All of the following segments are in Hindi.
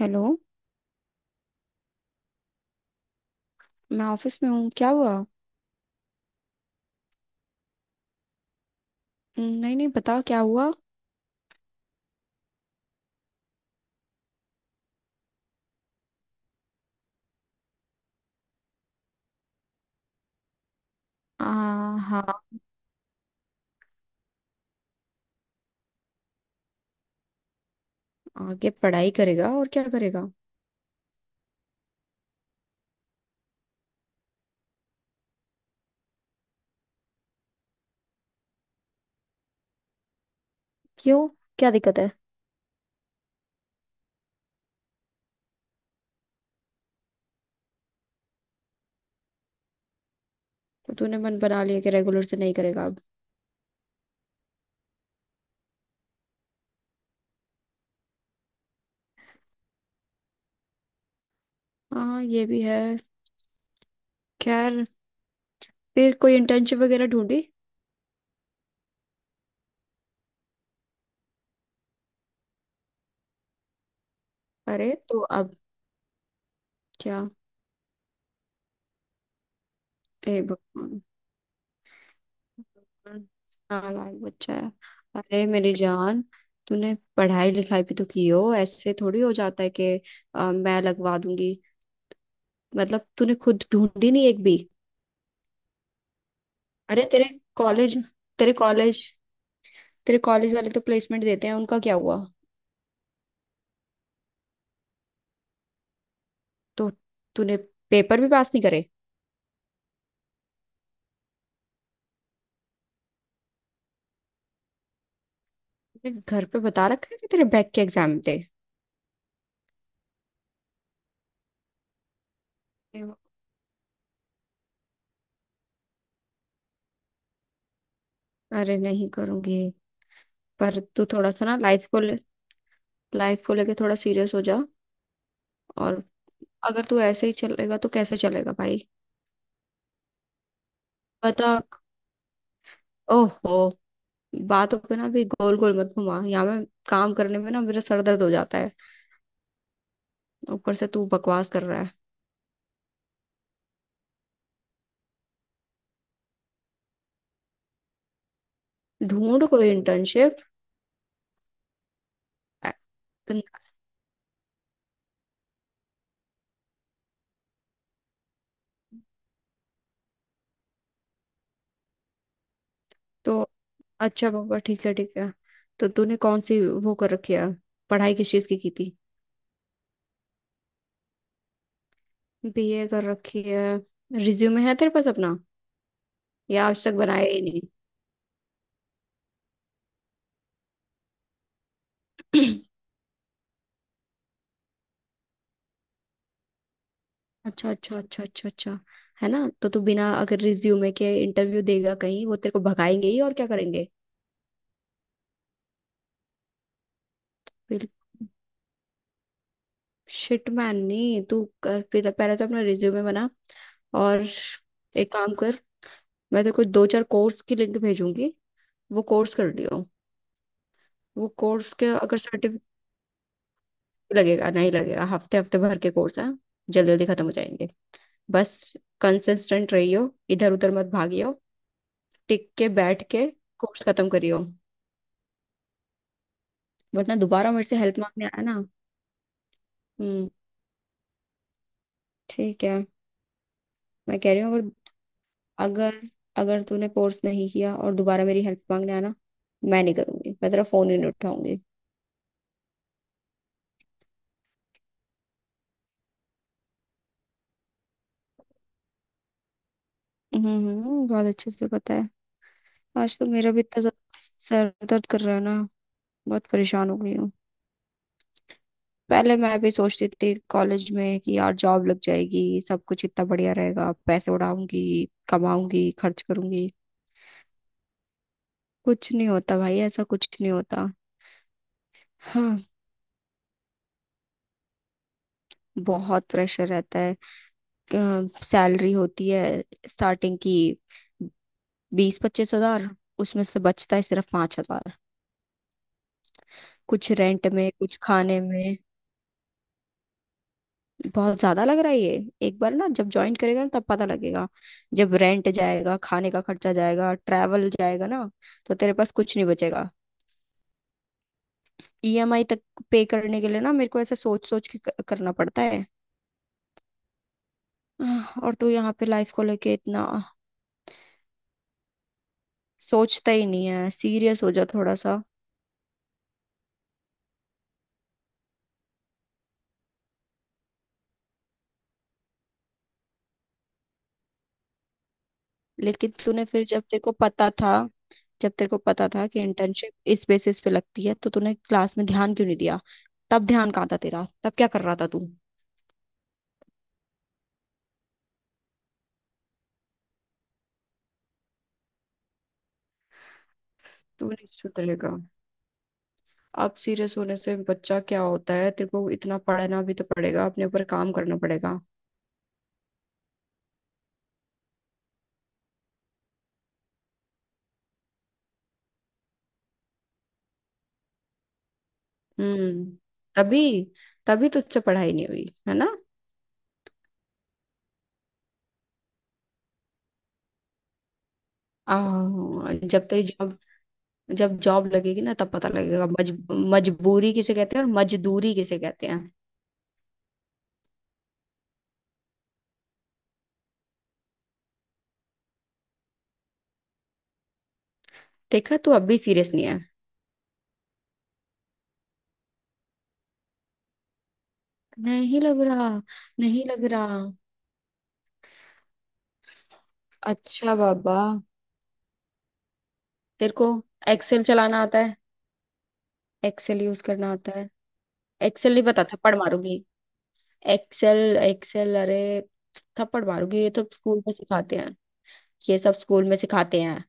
हेलो। मैं ऑफिस में हूँ, क्या हुआ? नहीं नहीं, बताओ क्या हुआ। आ, हाँ। आगे पढ़ाई करेगा और क्या करेगा? क्यों, क्या दिक्कत है? तो तूने मन बना लिया कि रेगुलर से नहीं करेगा अब? हाँ, ये भी है। खैर, फिर कोई इंटर्नशिप वगैरह ढूंढी? अरे तो अब क्या? ए भगवान, नालायक बच्चा है। अरे मेरी जान, तूने पढ़ाई लिखाई भी तो की हो, ऐसे थोड़ी हो जाता है कि मैं लगवा दूंगी। मतलब तूने खुद ढूंढी नहीं एक भी? अरे तेरे कॉलेज, तेरे कॉलेज तेरे कॉलेज वाले तो प्लेसमेंट देते हैं, उनका क्या हुआ? तो तूने पेपर भी पास नहीं करे। तूने घर पे बता रखा है कि तेरे बैक के एग्जाम थे? अरे नहीं करूंगी। पर तू थोड़ा सा ना लाइफ को, लाइफ को लेके थोड़ा सीरियस हो जा। और अगर तू ऐसे ही चलेगा तो कैसे चलेगा भाई? बता। ओहो। बातों पे ना भी गोल गोल मत घुमा, यहाँ में काम करने में ना मेरा सर दर्द हो जाता है, ऊपर से तू बकवास कर रहा है। ढूंढ कोई इंटर्नशिप। तो अच्छा पापा, ठीक है ठीक है। तो तूने कौन सी वो कर रखी है? पढ़ाई किस चीज की थी? बीए कर रखी है। रिज्यूमे है तेरे पास अपना, या आज तक बनाया ही नहीं? अच्छा अच्छा अच्छा अच्छा अच्छा। है ना, तो तू बिना अगर रिज्यूमे के इंटरव्यू देगा कहीं, वो तेरे को भगाएंगे ही और क्या करेंगे? बिल, शिट मैन नहीं। तू कर, पहले पहले तो अपना रिज्यूमे बना। और एक काम कर, मैं तेरे को दो चार कोर्स की लिंक भेजूंगी, वो कोर्स कर लियो। वो कोर्स के अगर सर्टिफिकेट, लगेगा नहीं लगेगा, हफ्ते हफ्ते भर के कोर्स है, जल्दी जल्दी खत्म हो जाएंगे। बस कंसिस्टेंट रहियो, इधर उधर मत भागियो, टिक के बैठ के कोर्स खत्म करियो। वरना दोबारा मेरे से हेल्प मांगने आया ना। हम्म ठीक है। मैं कह रही हूँ, अगर, अगर, तूने कोर्स नहीं किया और दोबारा मेरी हेल्प मांगने आना, मैं नहीं करूंगी, मैं तेरा फोन ही नहीं उठाऊंगी। बहुत अच्छे से पता है। आज तो मेरा भी इतना ज्यादा सर दर्द कर रहा है ना, बहुत परेशान हो गई हूँ। पहले मैं भी सोचती थी कॉलेज में कि यार जॉब लग जाएगी, सब कुछ इतना बढ़िया रहेगा, पैसे उड़ाऊंगी, कमाऊंगी, खर्च करूंगी। कुछ नहीं होता भाई, ऐसा कुछ नहीं होता। हाँ, बहुत प्रेशर रहता है। सैलरी होती है स्टार्टिंग की 20-25 हज़ार, उसमें से बचता है सिर्फ 5 हज़ार, कुछ रेंट में, कुछ खाने में। बहुत ज्यादा लग रहा है ये? एक बार ना जब ज्वाइन करेगा ना, तब पता लगेगा। जब रेंट जाएगा, खाने का खर्चा जाएगा, ट्रैवल जाएगा ना, तो तेरे पास कुछ नहीं बचेगा। ईएमआई तक पे करने के लिए ना, मेरे को ऐसे सोच सोच के करना पड़ता है। और तू यहाँ पे लाइफ को लेके इतना सोचता ही नहीं है, सीरियस हो जा थोड़ा सा। लेकिन तूने फिर, जब तेरे को पता था, जब तेरे को पता था कि इंटर्नशिप इस बेसिस पे लगती है, तो तूने क्लास में ध्यान क्यों नहीं दिया? तब ध्यान कहाँ था तेरा, तब क्या कर रहा था तू? तू नहीं सुधरेगा। अब सीरियस होने से बच्चा क्या होता है, तेरे को इतना पढ़ना भी तो पड़ेगा, अपने ऊपर काम करना पड़ेगा। हम्म। तभी, तभी तो तुझसे पढ़ाई नहीं हुई है ना। जब तेरी जॉब, जब जॉब लगेगी ना, तब पता लगेगा मजबूरी किसे कहते हैं और मजदूरी किसे कहते हैं। देखा, तू अब भी सीरियस नहीं है। नहीं लग रहा, नहीं लग रहा। अच्छा बाबा, तेरे को एक्सेल चलाना आता है? एक्सेल यूज करना आता है? एक्सेल नहीं पता, थप्पड़ मारूंगी। एक्सेल एक्सेल, अरे थप्पड़ मारूंगी, ये तो स्कूल में सिखाते हैं। ये सब स्कूल में सिखाते हैं,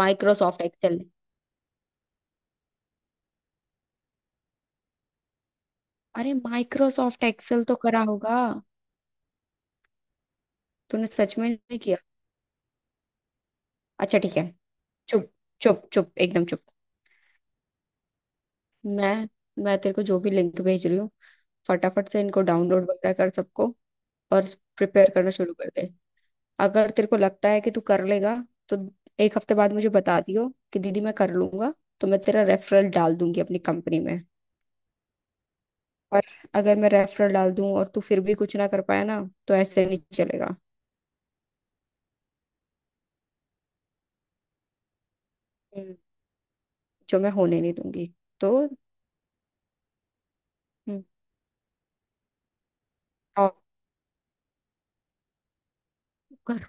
माइक्रोसॉफ्ट एक्सेल। अरे माइक्रोसॉफ्ट एक्सेल तो करा होगा। तूने सच में नहीं किया? अच्छा ठीक है, चुप, चुप चुप एकदम चुप। मैं मैं तेरे को जो भी लिंक भेज रही हूँ, फटाफट से इनको डाउनलोड वगैरह कर सबको, और प्रिपेयर करना शुरू कर दे। अगर तेरे को लगता है कि तू कर लेगा, तो एक हफ्ते बाद मुझे बता दियो कि दीदी मैं कर लूंगा, तो मैं तेरा रेफरल डाल दूंगी अपनी कंपनी में। और अगर मैं रेफरल डाल दूं और तू फिर भी कुछ ना कर पाया ना, तो ऐसे नहीं चलेगा। हम्म। जो मैं होने नहीं दूंगी। तो हम्म, और कर।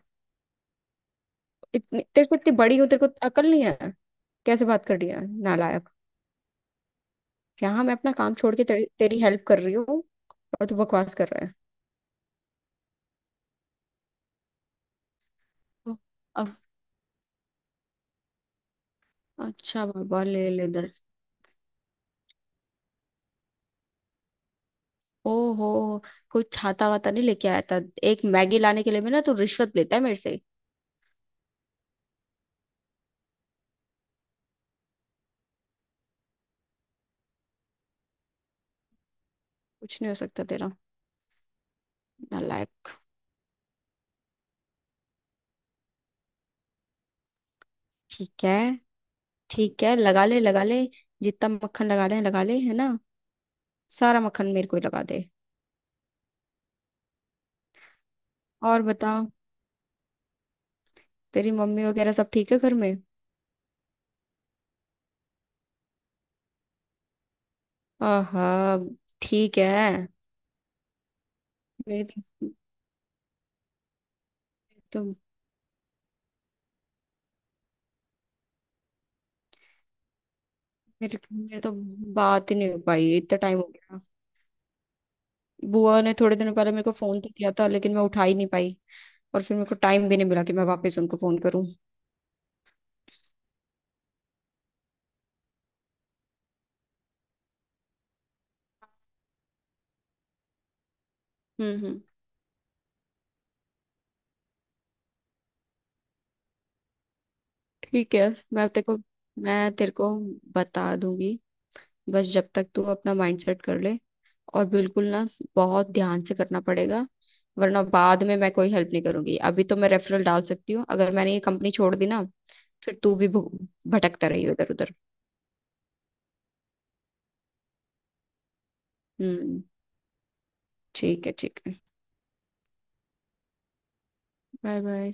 इतनी तेरे को, इतनी बड़ी हो, तेरे को अकल नहीं है? कैसे बात कर रही है नालायक। यहाँ मैं अपना काम छोड़ के तेरी हेल्प कर रही हूँ और तू बकवास कर रहा है। तो अब अच्छा बाबा, ले ले 10। ओहो, कुछ छाता वाता नहीं लेके आया था। एक मैगी लाने के लिए भी ना, तू रिश्वत लेता है मेरे से। कुछ नहीं हो सकता तेरा नालायक। ठीक है, ठीक है, लगा ले लगा ले, जितना मक्खन लगा ले लगा ले, है ना, सारा मक्खन मेरे को ही लगा दे। और बता, तेरी मम्मी वगैरह सब ठीक है घर में? आहा, ठीक है। मेरे तो मेरे तो बात ही नहीं हो पाई, इतना टाइम हो गया। बुआ ने थोड़े दिन पहले मेरे को फोन तो किया था, लेकिन मैं उठा ही नहीं पाई, और फिर मेरे को टाइम भी नहीं मिला कि मैं वापस उनको फोन करूं। हम्म, ठीक है। मैं तेरे को मैं तेरे को बता दूंगी, बस जब तक तू अपना माइंड सेट कर ले, और बिल्कुल ना, बहुत ध्यान से करना पड़ेगा। वरना बाद में मैं कोई हेल्प नहीं करूंगी। अभी तो मैं रेफरल डाल सकती हूँ, अगर मैंने ये कंपनी छोड़ दी ना, फिर तू भी भटकता रही उधर उधर। हम्म, ठीक है ठीक है, बाय बाय।